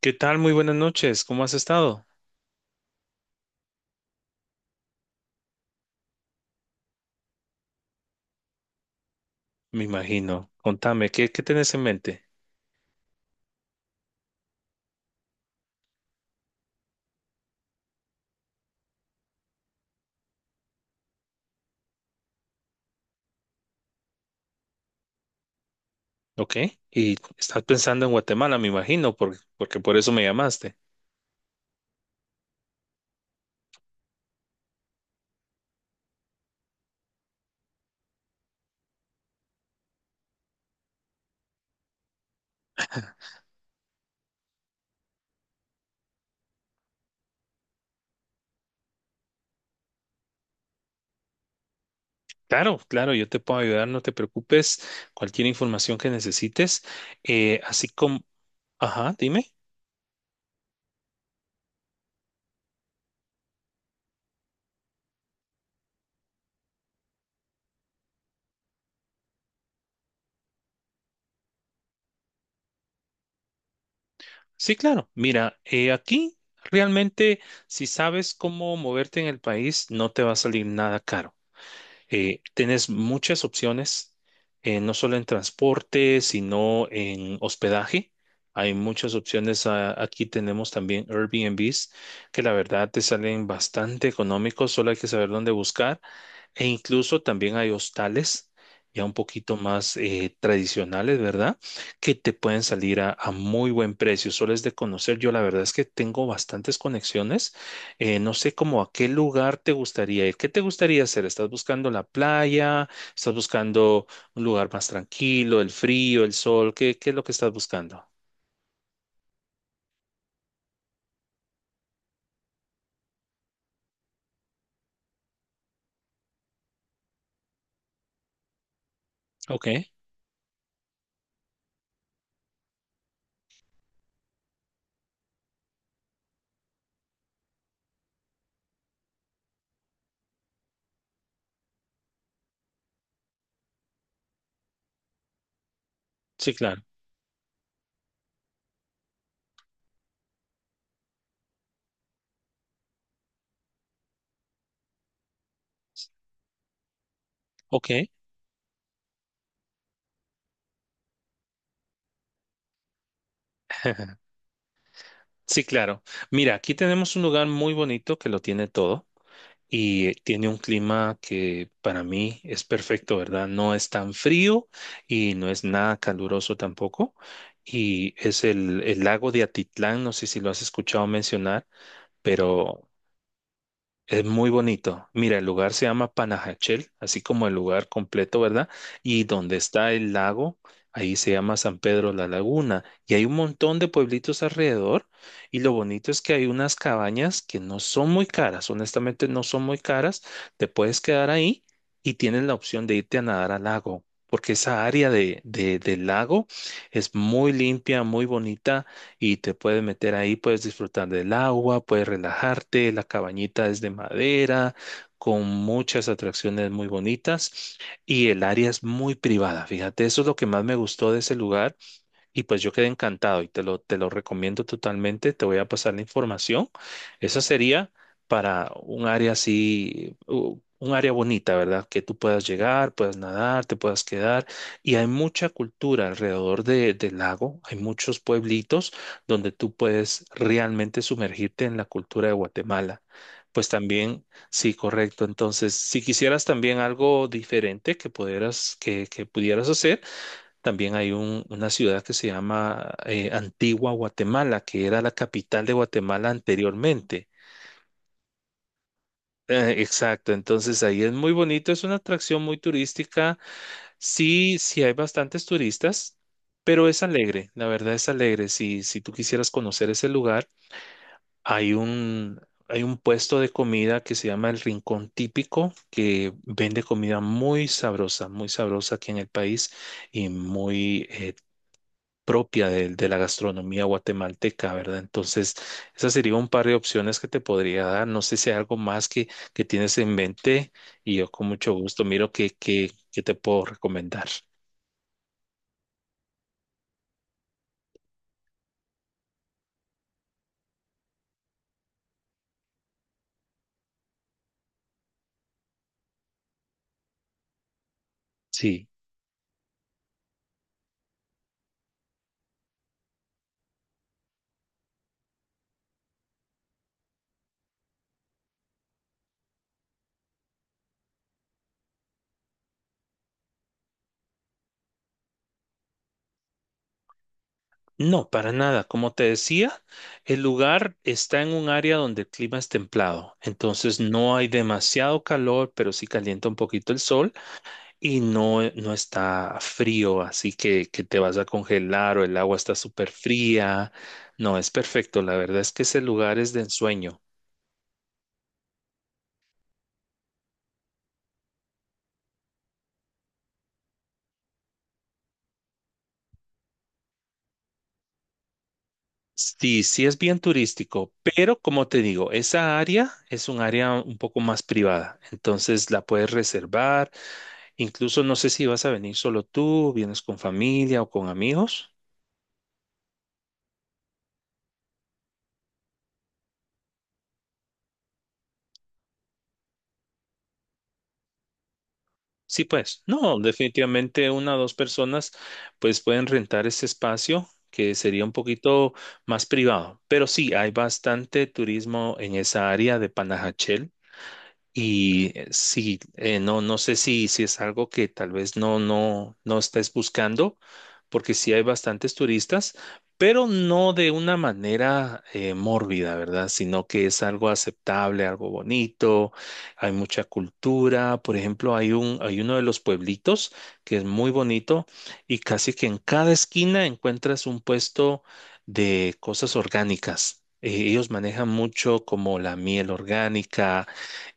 ¿Qué tal? Muy buenas noches. ¿Cómo has estado? Me imagino. Contame, ¿qué tenés en mente? ¿Ok? Y estás pensando en Guatemala, me imagino, porque por eso me llamaste. Claro, claro, yo te puedo ayudar, no te preocupes. Cualquier información que necesites. eh, así como, ajá, dime. Sí, claro. Mira, aquí realmente, si sabes cómo moverte en el país, no te va a salir nada caro. Tienes muchas opciones, no solo en transporte, sino en hospedaje. Hay muchas opciones. Aquí tenemos también Airbnbs, que la verdad te salen bastante económicos, solo hay que saber dónde buscar. E incluso también hay hostales ya un poquito más tradicionales, ¿verdad? Que te pueden salir a muy buen precio. Solo es de conocer. Yo la verdad es que tengo bastantes conexiones no sé cómo a qué lugar te gustaría ir. ¿Qué te gustaría hacer? ¿Estás buscando la playa? ¿Estás buscando un lugar más tranquilo, el frío, el sol? ¿Qué es lo que estás buscando? Ok, sí, claro. Ok. Sí, claro. Mira, aquí tenemos un lugar muy bonito que lo tiene todo y tiene un clima que para mí es perfecto, ¿verdad? No es tan frío y no es nada caluroso tampoco. Y es el lago de Atitlán, no sé si lo has escuchado mencionar, pero es muy bonito. Mira, el lugar se llama Panajachel, así como el lugar completo, ¿verdad? Y donde está el lago, ahí se llama San Pedro la Laguna. Y hay un montón de pueblitos alrededor. Y lo bonito es que hay unas cabañas que no son muy caras, honestamente no son muy caras. Te puedes quedar ahí y tienes la opción de irte a nadar al lago, porque esa área del lago es muy limpia, muy bonita y te puedes meter ahí, puedes disfrutar del agua, puedes relajarte, la cabañita es de madera, con muchas atracciones muy bonitas y el área es muy privada. Fíjate, eso es lo que más me gustó de ese lugar, y pues yo quedé encantado y te lo recomiendo totalmente. Te voy a pasar la información. Esa sería para un área así, un área bonita, ¿verdad? Que tú puedas llegar, puedas nadar, te puedas quedar. Y hay mucha cultura alrededor del lago. Hay muchos pueblitos donde tú puedes realmente sumergirte en la cultura de Guatemala. Pues también, sí, correcto. Entonces, si quisieras también algo diferente que pudieras, que pudieras hacer, también hay una ciudad que se llama Antigua Guatemala, que era la capital de Guatemala anteriormente. Exacto, entonces ahí es muy bonito, es una atracción muy turística. Sí, sí hay bastantes turistas, pero es alegre, la verdad es alegre. Si tú quisieras conocer ese lugar, hay un, hay un puesto de comida que se llama El Rincón Típico, que vende comida muy sabrosa aquí en el país y muy propia de la gastronomía guatemalteca, ¿verdad? Entonces, esa sería un par de opciones que te podría dar. No sé si hay algo más que tienes en mente y yo con mucho gusto miro qué te puedo recomendar. Sí, no, para nada. Como te decía, el lugar está en un área donde el clima es templado, entonces no hay demasiado calor, pero sí calienta un poquito el sol. Y no, no está frío, así que te vas a congelar o el agua está súper fría. No, es perfecto. La verdad es que ese lugar es de ensueño. Sí, sí es bien turístico, pero como te digo, esa área es un área un poco más privada, entonces la puedes reservar. Incluso no sé si vas a venir solo tú, vienes con familia o con amigos. Sí, pues, no, definitivamente una o dos personas pues pueden rentar ese espacio que sería un poquito más privado, pero sí, hay bastante turismo en esa área de Panajachel. Y no, no sé si, si es algo que tal vez no estés buscando, porque sí hay bastantes turistas, pero no de una manera mórbida, ¿verdad? Sino que es algo aceptable, algo bonito, hay mucha cultura. Por ejemplo, hay uno de los pueblitos que es muy bonito y casi que en cada esquina encuentras un puesto de cosas orgánicas. Ellos manejan mucho como la miel orgánica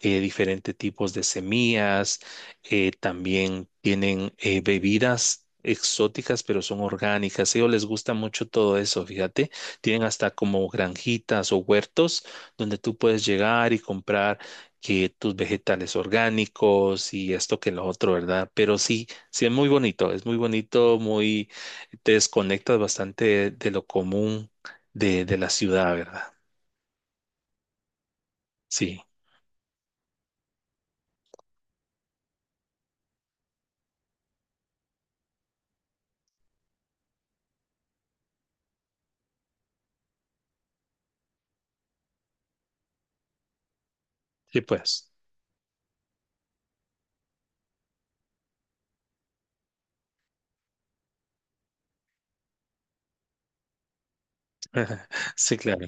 diferentes tipos de semillas, también tienen bebidas exóticas, pero son orgánicas. A ellos les gusta mucho todo eso, fíjate. Tienen hasta como granjitas o huertos donde tú puedes llegar y comprar que tus vegetales orgánicos y esto que lo otro, ¿verdad? Pero sí, sí es muy bonito, muy, te desconectas bastante de lo común de la ciudad, ¿verdad? Sí, sí, pues. Sí, claro.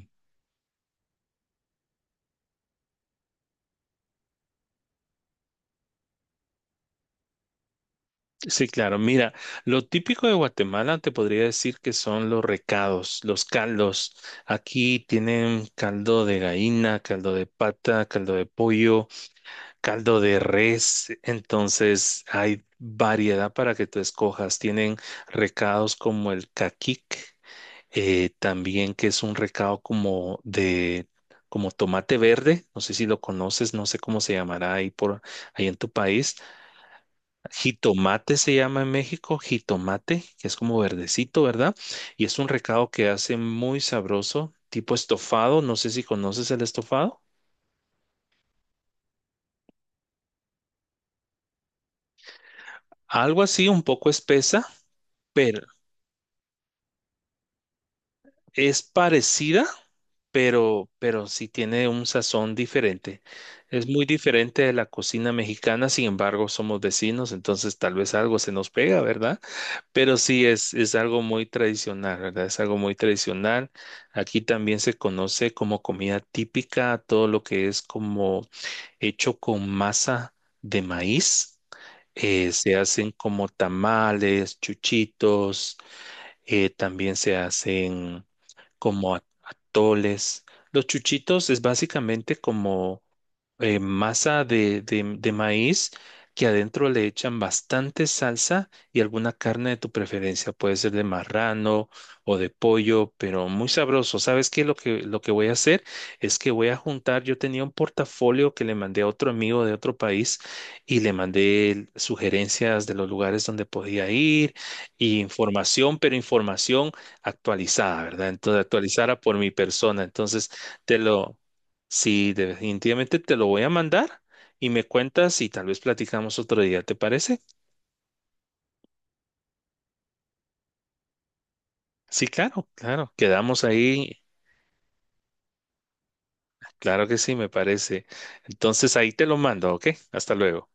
Sí, claro. Mira, lo típico de Guatemala te podría decir que son los recados, los caldos. Aquí tienen caldo de gallina, caldo de pata, caldo de pollo, caldo de res. Entonces hay variedad para que tú escojas. Tienen recados como el caquic, también que es un recado como de como tomate verde, no sé si lo conoces, no sé cómo se llamará ahí por ahí en tu país. Jitomate se llama en México, jitomate, que es como verdecito, ¿verdad? Y es un recado que hace muy sabroso, tipo estofado, no sé si conoces el estofado. Algo así, un poco espesa, pero es parecida, pero sí tiene un sazón diferente. Es muy diferente de la cocina mexicana, sin embargo, somos vecinos, entonces tal vez algo se nos pega, ¿verdad? Pero sí, es algo muy tradicional, ¿verdad? Es algo muy tradicional. Aquí también se conoce como comida típica, todo lo que es como hecho con masa de maíz. Se hacen como tamales, chuchitos, también se hacen como atoles. Los chuchitos es básicamente como masa de maíz que adentro le echan bastante salsa y alguna carne de tu preferencia. Puede ser de marrano o de pollo, pero muy sabroso. ¿Sabes qué? Lo que voy a hacer es que voy a juntar. Yo tenía un portafolio que le mandé a otro amigo de otro país y le mandé sugerencias de los lugares donde podía ir y información, pero información actualizada, ¿verdad? Entonces, actualizada por mi persona. Entonces, te lo, sí, definitivamente te lo voy a mandar y me cuentas y tal vez platicamos otro día, ¿te parece? Sí, claro, claro. Quedamos ahí. Claro que sí, me parece. Entonces, ahí te lo mando, ¿ok? Hasta luego.